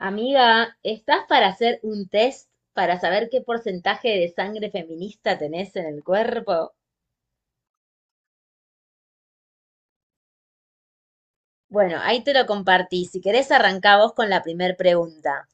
Amiga, ¿estás para hacer un test para saber qué porcentaje de sangre feminista tenés en el cuerpo? Bueno, ahí te lo compartí. Si querés, arrancá vos con la primer pregunta.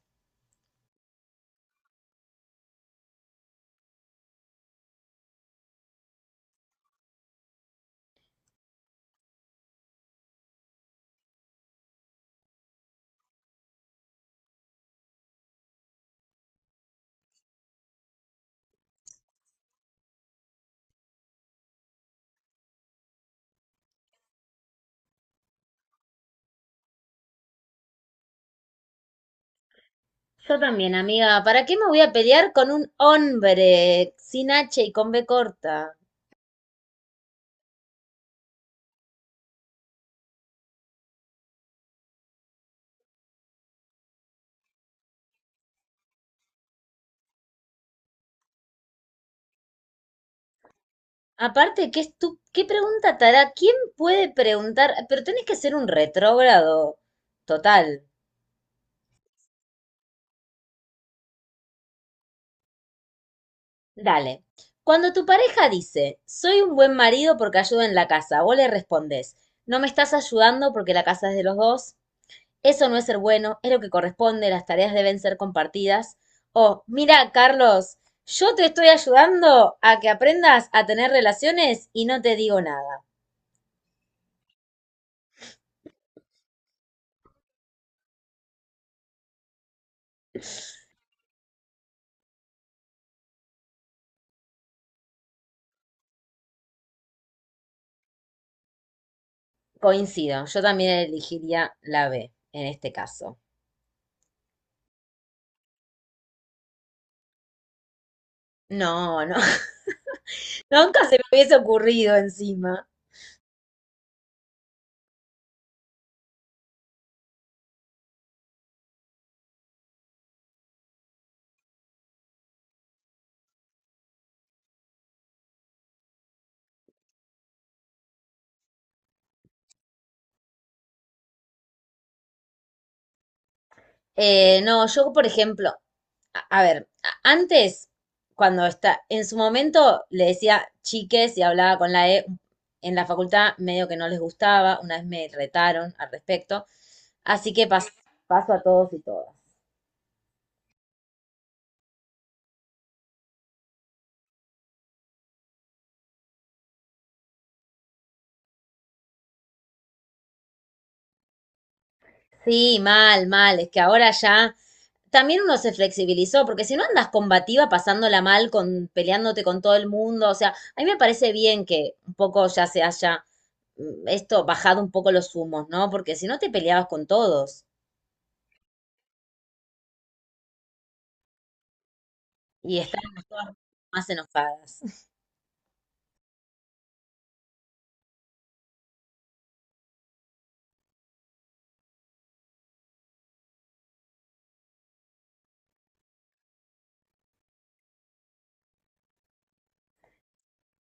Yo también, amiga. ¿Para qué me voy a pelear con un hombre sin H y con B corta? Aparte, ¿qué, qué pregunta te hará? ¿Quién puede preguntar? Pero tenés que ser un retrógrado total. Dale. Cuando tu pareja dice, soy un buen marido porque ayudo en la casa, vos le respondés, no me estás ayudando porque la casa es de los dos, eso no es ser bueno, es lo que corresponde, las tareas deben ser compartidas. O, mira, Carlos, yo te estoy ayudando a que aprendas a tener relaciones y no te digo nada. Coincido, yo también elegiría la B en este caso. No, no, nunca se me hubiese ocurrido encima. No, yo, por ejemplo, antes, en su momento le decía chiques y hablaba con la E, en la facultad medio que no les gustaba, una vez me retaron al respecto, así que paso a todos y todas. Sí, mal, mal, es que ahora ya también uno se flexibilizó, porque si no andas combativa pasándola mal, con, peleándote con todo el mundo, o sea, a mí me parece bien que un poco ya se haya esto bajado un poco los humos, ¿no? Porque si no te peleabas con todos y estábamos todas más enojadas.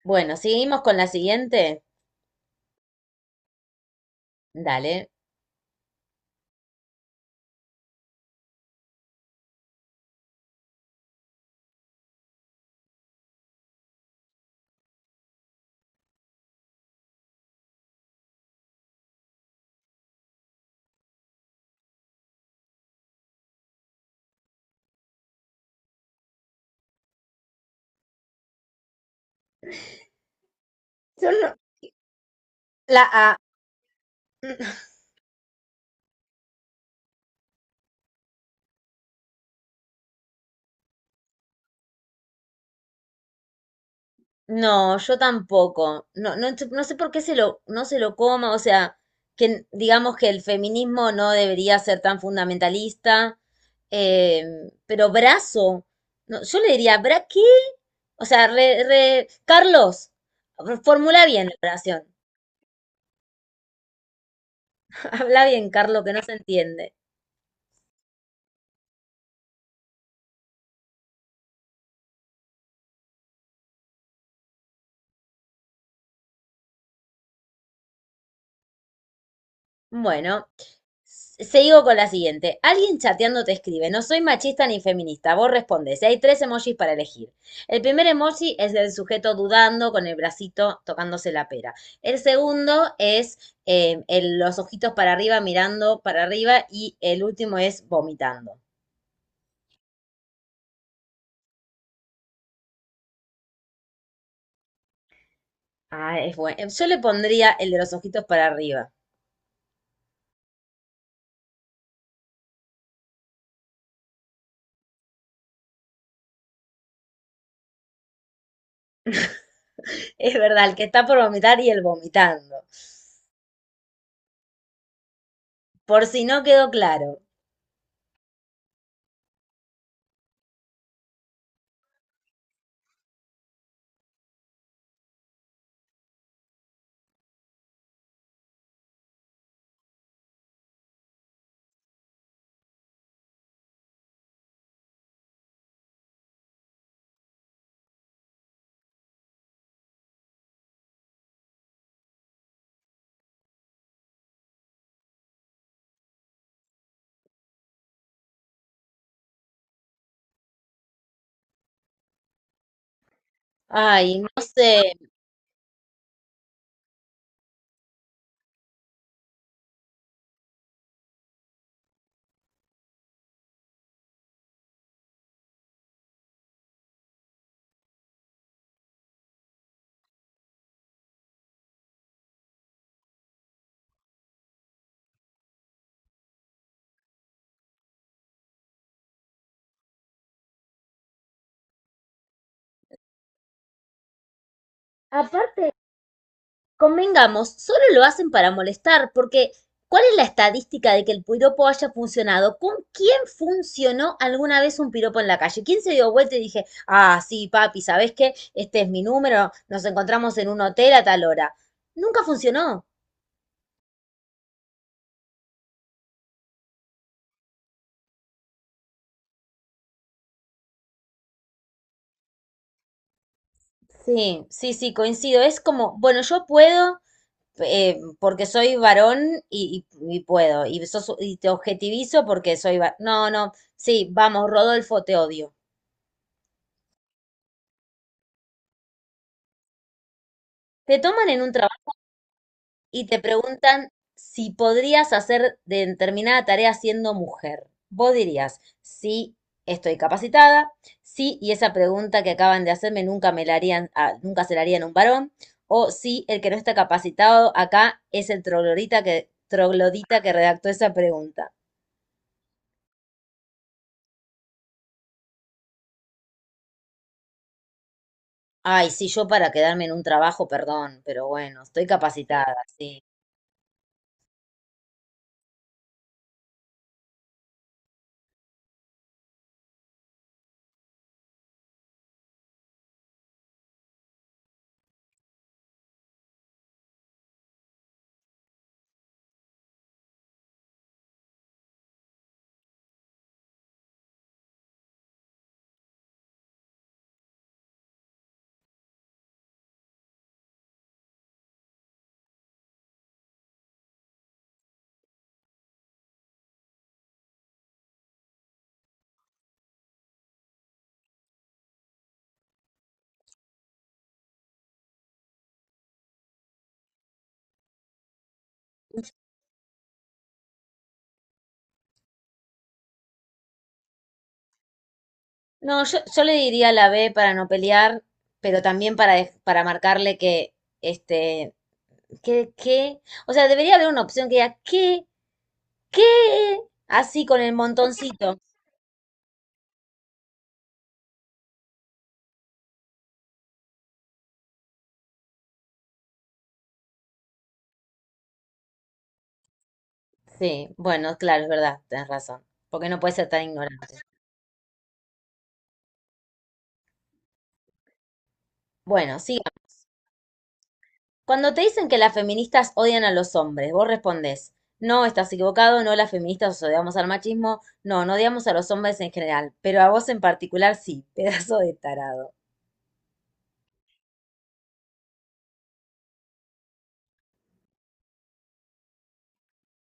Bueno, seguimos con la siguiente. Dale. Yo no- La A. No, yo tampoco. No, no sé por qué no se lo coma, o sea, que digamos que el feminismo no debería ser tan fundamentalista, eh, pero brazo, no, yo le diría, ¿bra qué? O sea, Carlos, formula bien la oración. Habla bien, Carlos, que no se entiende. Bueno, sigo con la siguiente. Alguien chateando te escribe, no soy machista ni feminista. Vos respondes, y hay tres emojis para elegir. El primer emoji es el sujeto dudando con el bracito tocándose la pera. El segundo es los ojitos para arriba mirando para arriba y el último es vomitando. Ah, es bueno. Yo le pondría el de los ojitos para arriba. Es verdad, el que está por vomitar y el vomitando. Por si no quedó claro. Ay, no sé. Aparte, convengamos, solo lo hacen para molestar, porque ¿cuál es la estadística de que el piropo haya funcionado? ¿Con quién funcionó alguna vez un piropo en la calle? ¿Quién se dio vuelta y dije, ah, sí, papi, ¿sabes qué? Este es mi número, nos encontramos en un hotel a tal hora. Nunca funcionó. Sí, sí, sí, coincido. Es como, bueno, yo puedo, porque soy varón y puedo, y te objetivizo porque soy varón. No, no, sí, vamos, Rodolfo, te odio. Te toman en un trabajo y te preguntan si podrías hacer determinada tarea siendo mujer. Vos dirías, sí, estoy capacitada, sí, y esa pregunta que acaban de hacerme nunca me la harían, ah, nunca se la harían a un varón, o sí, el que no está capacitado acá es el troglodita troglodita que redactó esa pregunta. Ay, sí, yo para quedarme en un trabajo, perdón, pero bueno, estoy capacitada, sí. No, yo le diría la B para no pelear, pero también para, para marcarle que este, ¿Qué, qué? O sea, debería haber una opción que diga, ¿qué? ¿Qué? Así con el montoncito. Sí, bueno, claro, es verdad, tenés razón. Porque no puede ser tan ignorante. Bueno, siga. Cuando te dicen que las feministas odian a los hombres, vos respondés, no, estás equivocado, no, las feministas os odiamos al machismo, no, no odiamos a los hombres en general, pero a vos en particular sí, pedazo de tarado.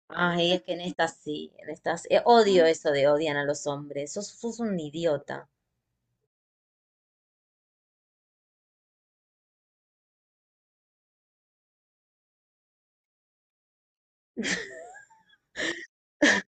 Ay, es que en estas sí, en estas, odio eso de odian a los hombres, sos, sos un idiota.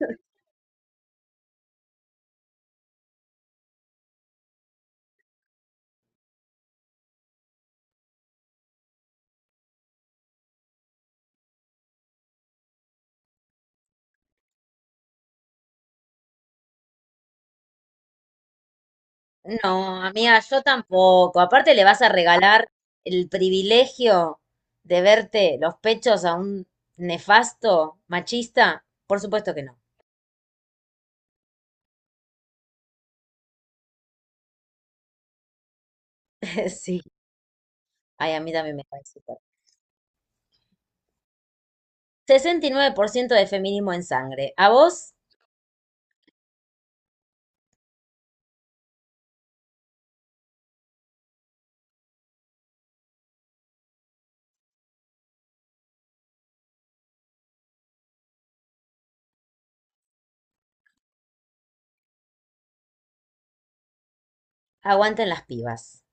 No, amiga, yo tampoco. Aparte le vas a regalar el privilegio de verte los pechos a un nefasto machista. Por supuesto que no. Sí. Ay, a mí también me cae súper. 69% de feminismo en sangre. A vos, aguanten las pibas.